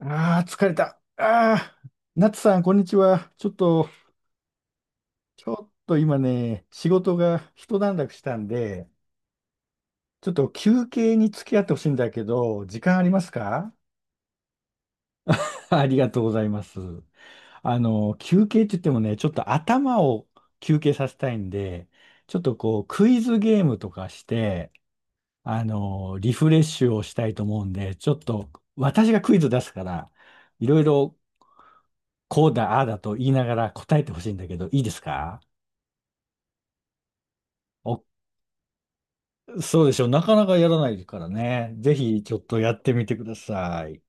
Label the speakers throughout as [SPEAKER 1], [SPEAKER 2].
[SPEAKER 1] ああ、疲れた。ああ、ナツさん、こんにちは。ちょっと今ね、仕事が一段落したんで、ちょっと休憩に付き合ってほしいんだけど、時間ありますか？ ありがとうございます。休憩って言ってもね、ちょっと頭を休憩させたいんで、ちょっとこう、クイズゲームとかして、リフレッシュをしたいと思うんで、ちょっと私がクイズ出すから、いろいろこうだ、ああだと言いながら答えてほしいんだけど、いいですか？お、そうでしょう。なかなかやらないからね。ぜひちょっとやってみてください。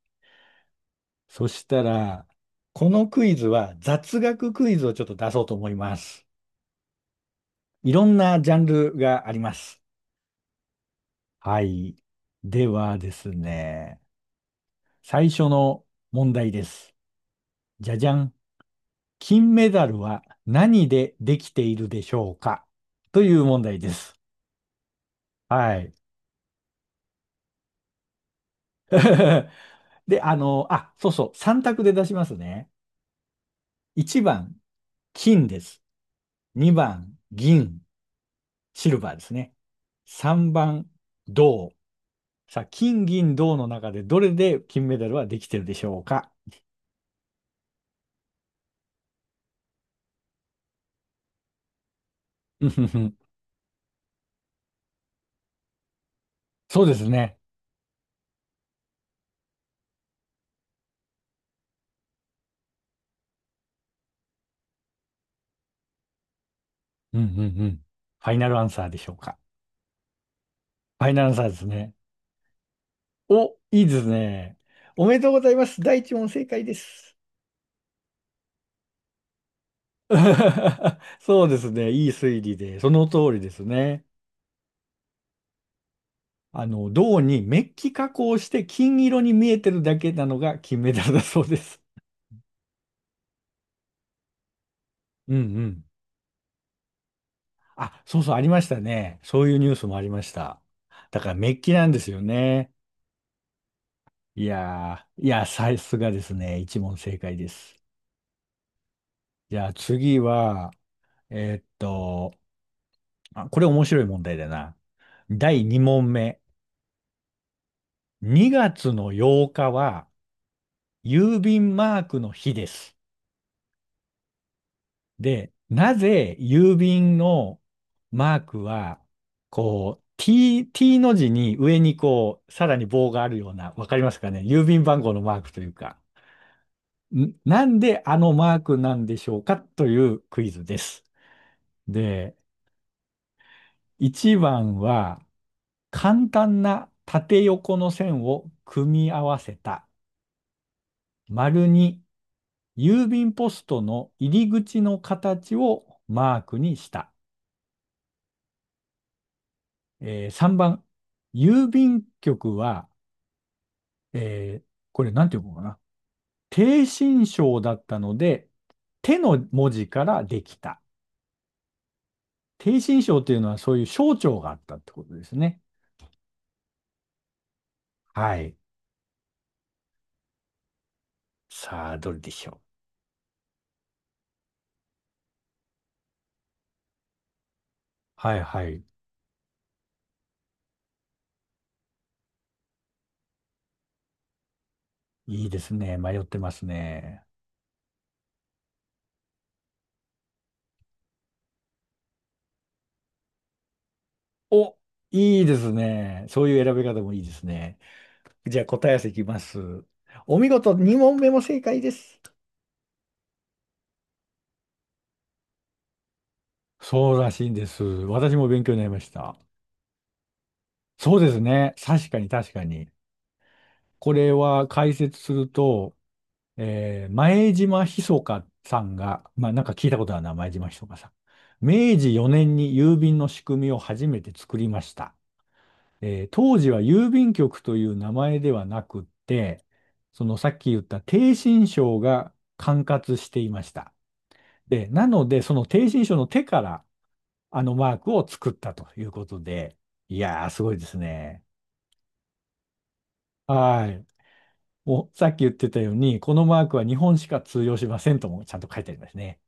[SPEAKER 1] そしたら、このクイズは雑学クイズをちょっと出そうと思います。いろんなジャンルがあります。はい。ではですね、最初の問題です。じゃじゃん。金メダルは何でできているでしょうか、という問題です。はい。で、あ、そうそう、3択で出しますね。1番、金です。2番、銀、シルバーですね。3番、銅。さあ、金、銀、銅の中でどれで金メダルはできてるでしょうか？うんうんうん。 そうですね。うんうんうん。ファイナルアンサーでしょうか。ファイナルアンサーですね。お、いいですね。おめでとうございます。第一問正解です。そうですね。いい推理で、その通りですね。銅にメッキ加工して金色に見えてるだけなのが金メダルだそうです。うんうん。あ、そうそう、ありましたね。そういうニュースもありました。だからメッキなんですよね。いやー、いや、さすがですね。一問正解です。じゃあ次は、えーっと、あ、これ面白い問題だな。第二問目。2月の8日は郵便マークの日です。で、なぜ郵便のマークは、こう、T、T の字に上にこう、さらに棒があるような、わかりますかね、郵便番号のマークというか、なんであのマークなんでしょうか、というクイズです。で、1番は、簡単な縦横の線を組み合わせた。丸に郵便ポストの入り口の形をマークにした。3番、郵便局は、これなんていうのかな。逓信省だったので、手の文字からできた。逓信省というのはそういう省庁があったってことですね。はい。さあ、どれでしょう。はいはい。いいですね。迷ってますね。お、いいですね。そういう選び方もいいですね。じゃあ答え合わせいきます。お見事、2問目も正解です。そうらしいんです。私も勉強になりました。そうですね。確かに確かに。これは解説すると、前島ひそかさんが、まあなんか聞いたことあるな、前島ひそかさん。明治4年に郵便の仕組みを初めて作りました。当時は郵便局という名前ではなくって、そのさっき言った逓信省が管轄していました。で、なので、その逓信省の手からあのマークを作ったということで、いやー、すごいですね。はい。もうさっき言ってたように、このマークは日本しか通用しませんともちゃんと書いてありますね。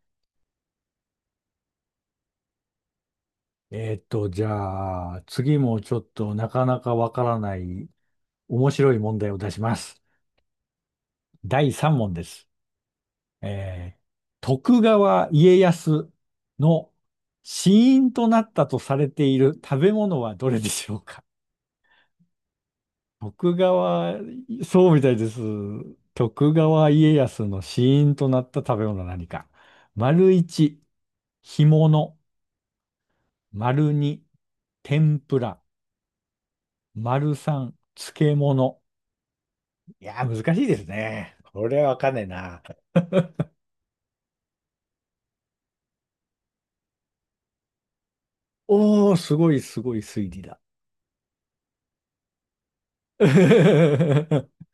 [SPEAKER 1] じゃあ、次もちょっとなかなかわからない面白い問題を出します。第3問です。えー徳川家康の死因となったとされている食べ物はどれでしょうか？ 徳川、そうみたいです。徳川家康の死因となった食べ物は何か。丸一、干物。丸二、天ぷら。丸三、漬物。いやー、難しいですね。これはわかんねえな。おー、すごいすごい推理だ。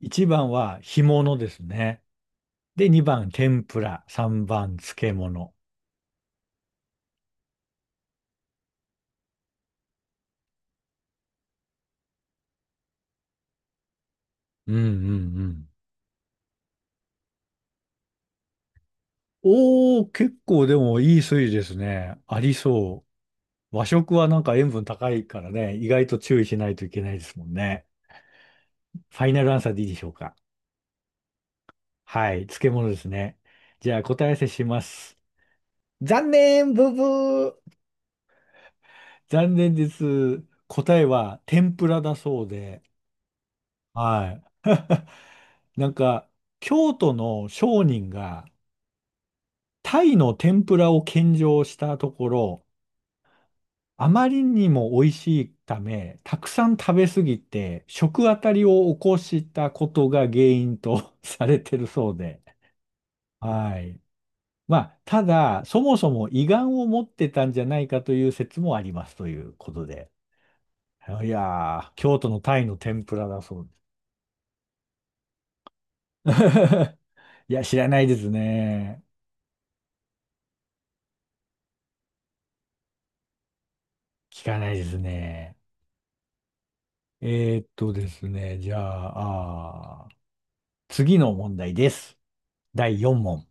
[SPEAKER 1] 一番は干物ですね。で、二番天ぷら、三番漬物。うんうんうん。おー、結構でもいい推理ですね。ありそう。和食はなんか塩分高いからね、意外と注意しないといけないですもんね。ファイナルアンサーでいいでしょうか。はい、漬物ですね。じゃあ答え合わせします。残念、ブブー。残念です。答えは天ぷらだそうで。はい。なんか、京都の商人がタイの天ぷらを献上したところ、あまりにも美味しいため、たくさん食べ過ぎて、食あたりを起こしたことが原因と されてるそうで。はい。まあ、ただ、そもそも胃がんを持ってたんじゃないかという説もありますということで。いやー、京都のタイの天ぷらだそうです。いや、知らないですね。聞かないですね。じゃあ、次の問題です。第4問。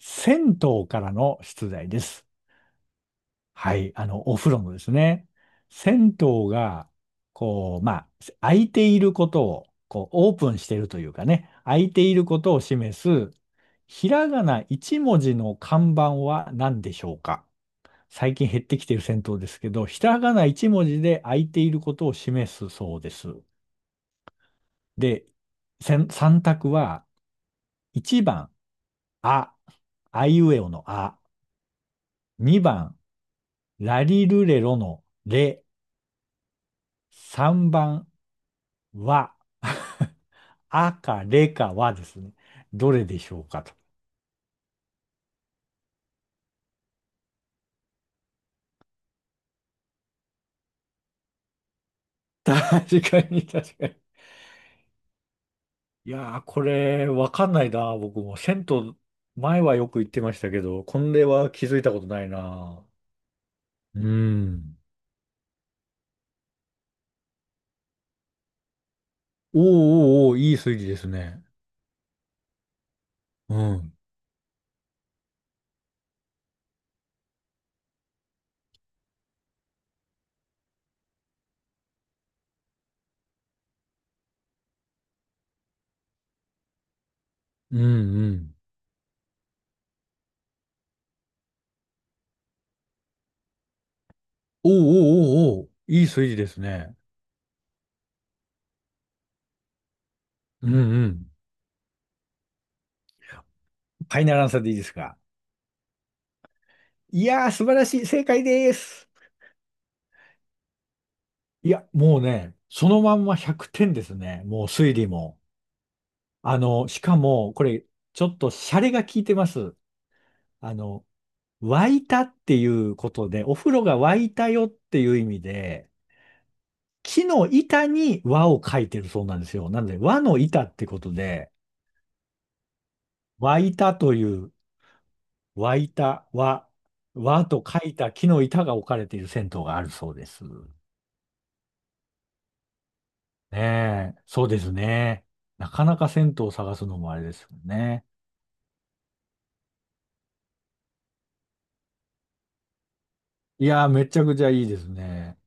[SPEAKER 1] 銭湯からの出題です。はい。お風呂のですね。銭湯が、こう、まあ、空いていることを、こう、オープンしているというかね、空いていることを示す、ひらがな1文字の看板は何でしょうか？最近減ってきている銭湯ですけど、ひらがな1文字で空いていることを示すそうです。で、3択は、1番、あ、あいうえおのあ。2番、ラリルレロのレ。3番、は。あかれかはですね。どれでしょうかと。確かに、確かに。いやー、これ、わかんないな、僕も。銭湯、前はよく行ってましたけど、これは気づいたことないな。うん。おーおーおー、いい推理ですね。うん。うんうん。おーおーおーおー、いい推理ですね。うんうん。ファイナルアンサーでいいですか？いやー、素晴らしい。正解です。いや、もうね、そのまんま100点ですね。もう推理も。しかも、これ、ちょっとシャレが効いてます。あの、沸いたっていうことで、お風呂が沸いたよっていう意味で、木の板に和を書いてるそうなんですよ。なので、和の板ってことで、沸いたという、沸いた和、和と書いた木の板が置かれている銭湯があるそうです。ねえ、そうですね。なかなか銭湯を探すのもあれですよね。いやー、めちゃくちゃいいですね。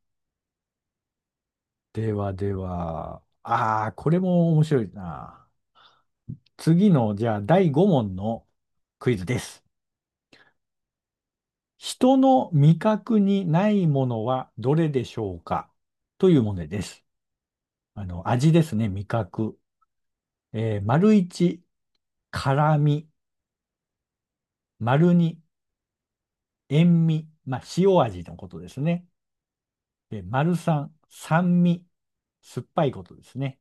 [SPEAKER 1] ではでは、ああ、これも面白いな。次の、じゃあ、第5問のクイズです。人の味覚にないものはどれでしょうか、という問題です。味ですね、味覚。丸1、辛味。丸2、塩味。まあ、塩味のことですね。で、丸三、酸味、酸っぱいことですね。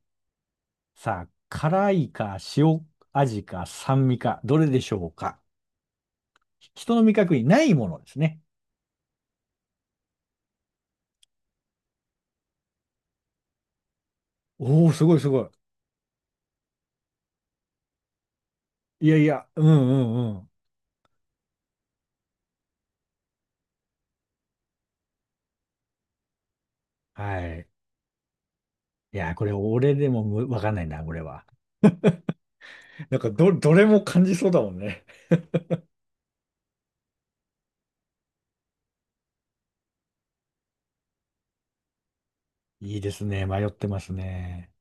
[SPEAKER 1] さあ、辛いか塩味か酸味か、どれでしょうか。人の味覚にないものですね。おー、すごいすごい。いやいや、うんうんうん。はい。いや、これ俺でもわかんないな、これは。なんかどれも感じそうだもんね。いいですね。迷ってますね。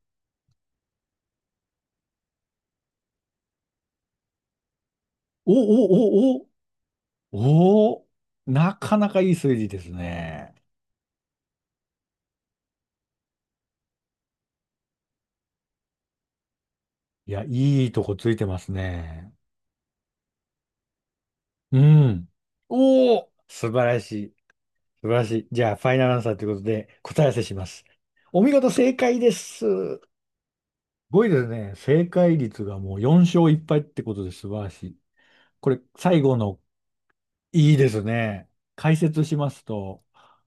[SPEAKER 1] おおおおおー、なかなかいい推理ですね。いや、いいとこついてますね。うん。おお、素晴らしい。素晴らしい。じゃあ、ファイナルアンサーということで、答え合わせします。お見事、正解です。すごいですね。正解率がもう4勝1敗ってことで素晴らしい。これ、最後の、いいですね。解説しますと、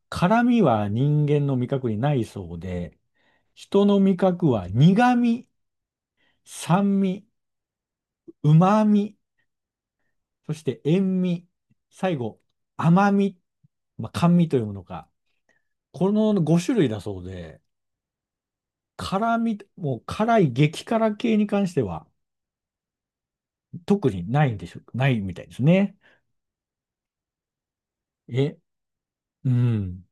[SPEAKER 1] 辛味は人間の味覚にないそうで、人の味覚は苦味、酸味、旨味、そして塩味、最後、甘味、まあ、甘味というものか。この5種類だそうで、辛み、もう辛い激辛系に関しては特にないんでしょ、ないみたいですね。え、うん。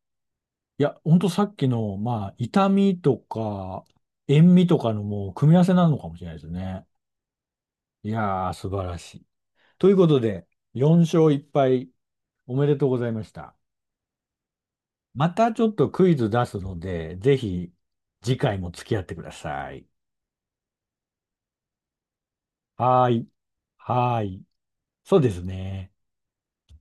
[SPEAKER 1] いや、ほんとさっきの、まあ、痛みとか、塩味とかのもう組み合わせなのかもしれないですね。いやー、素晴らしい。ということで、4勝1敗、おめでとうございました。またちょっとクイズ出すので、ぜひ次回も付き合ってください。はーい。はーい。そうですね。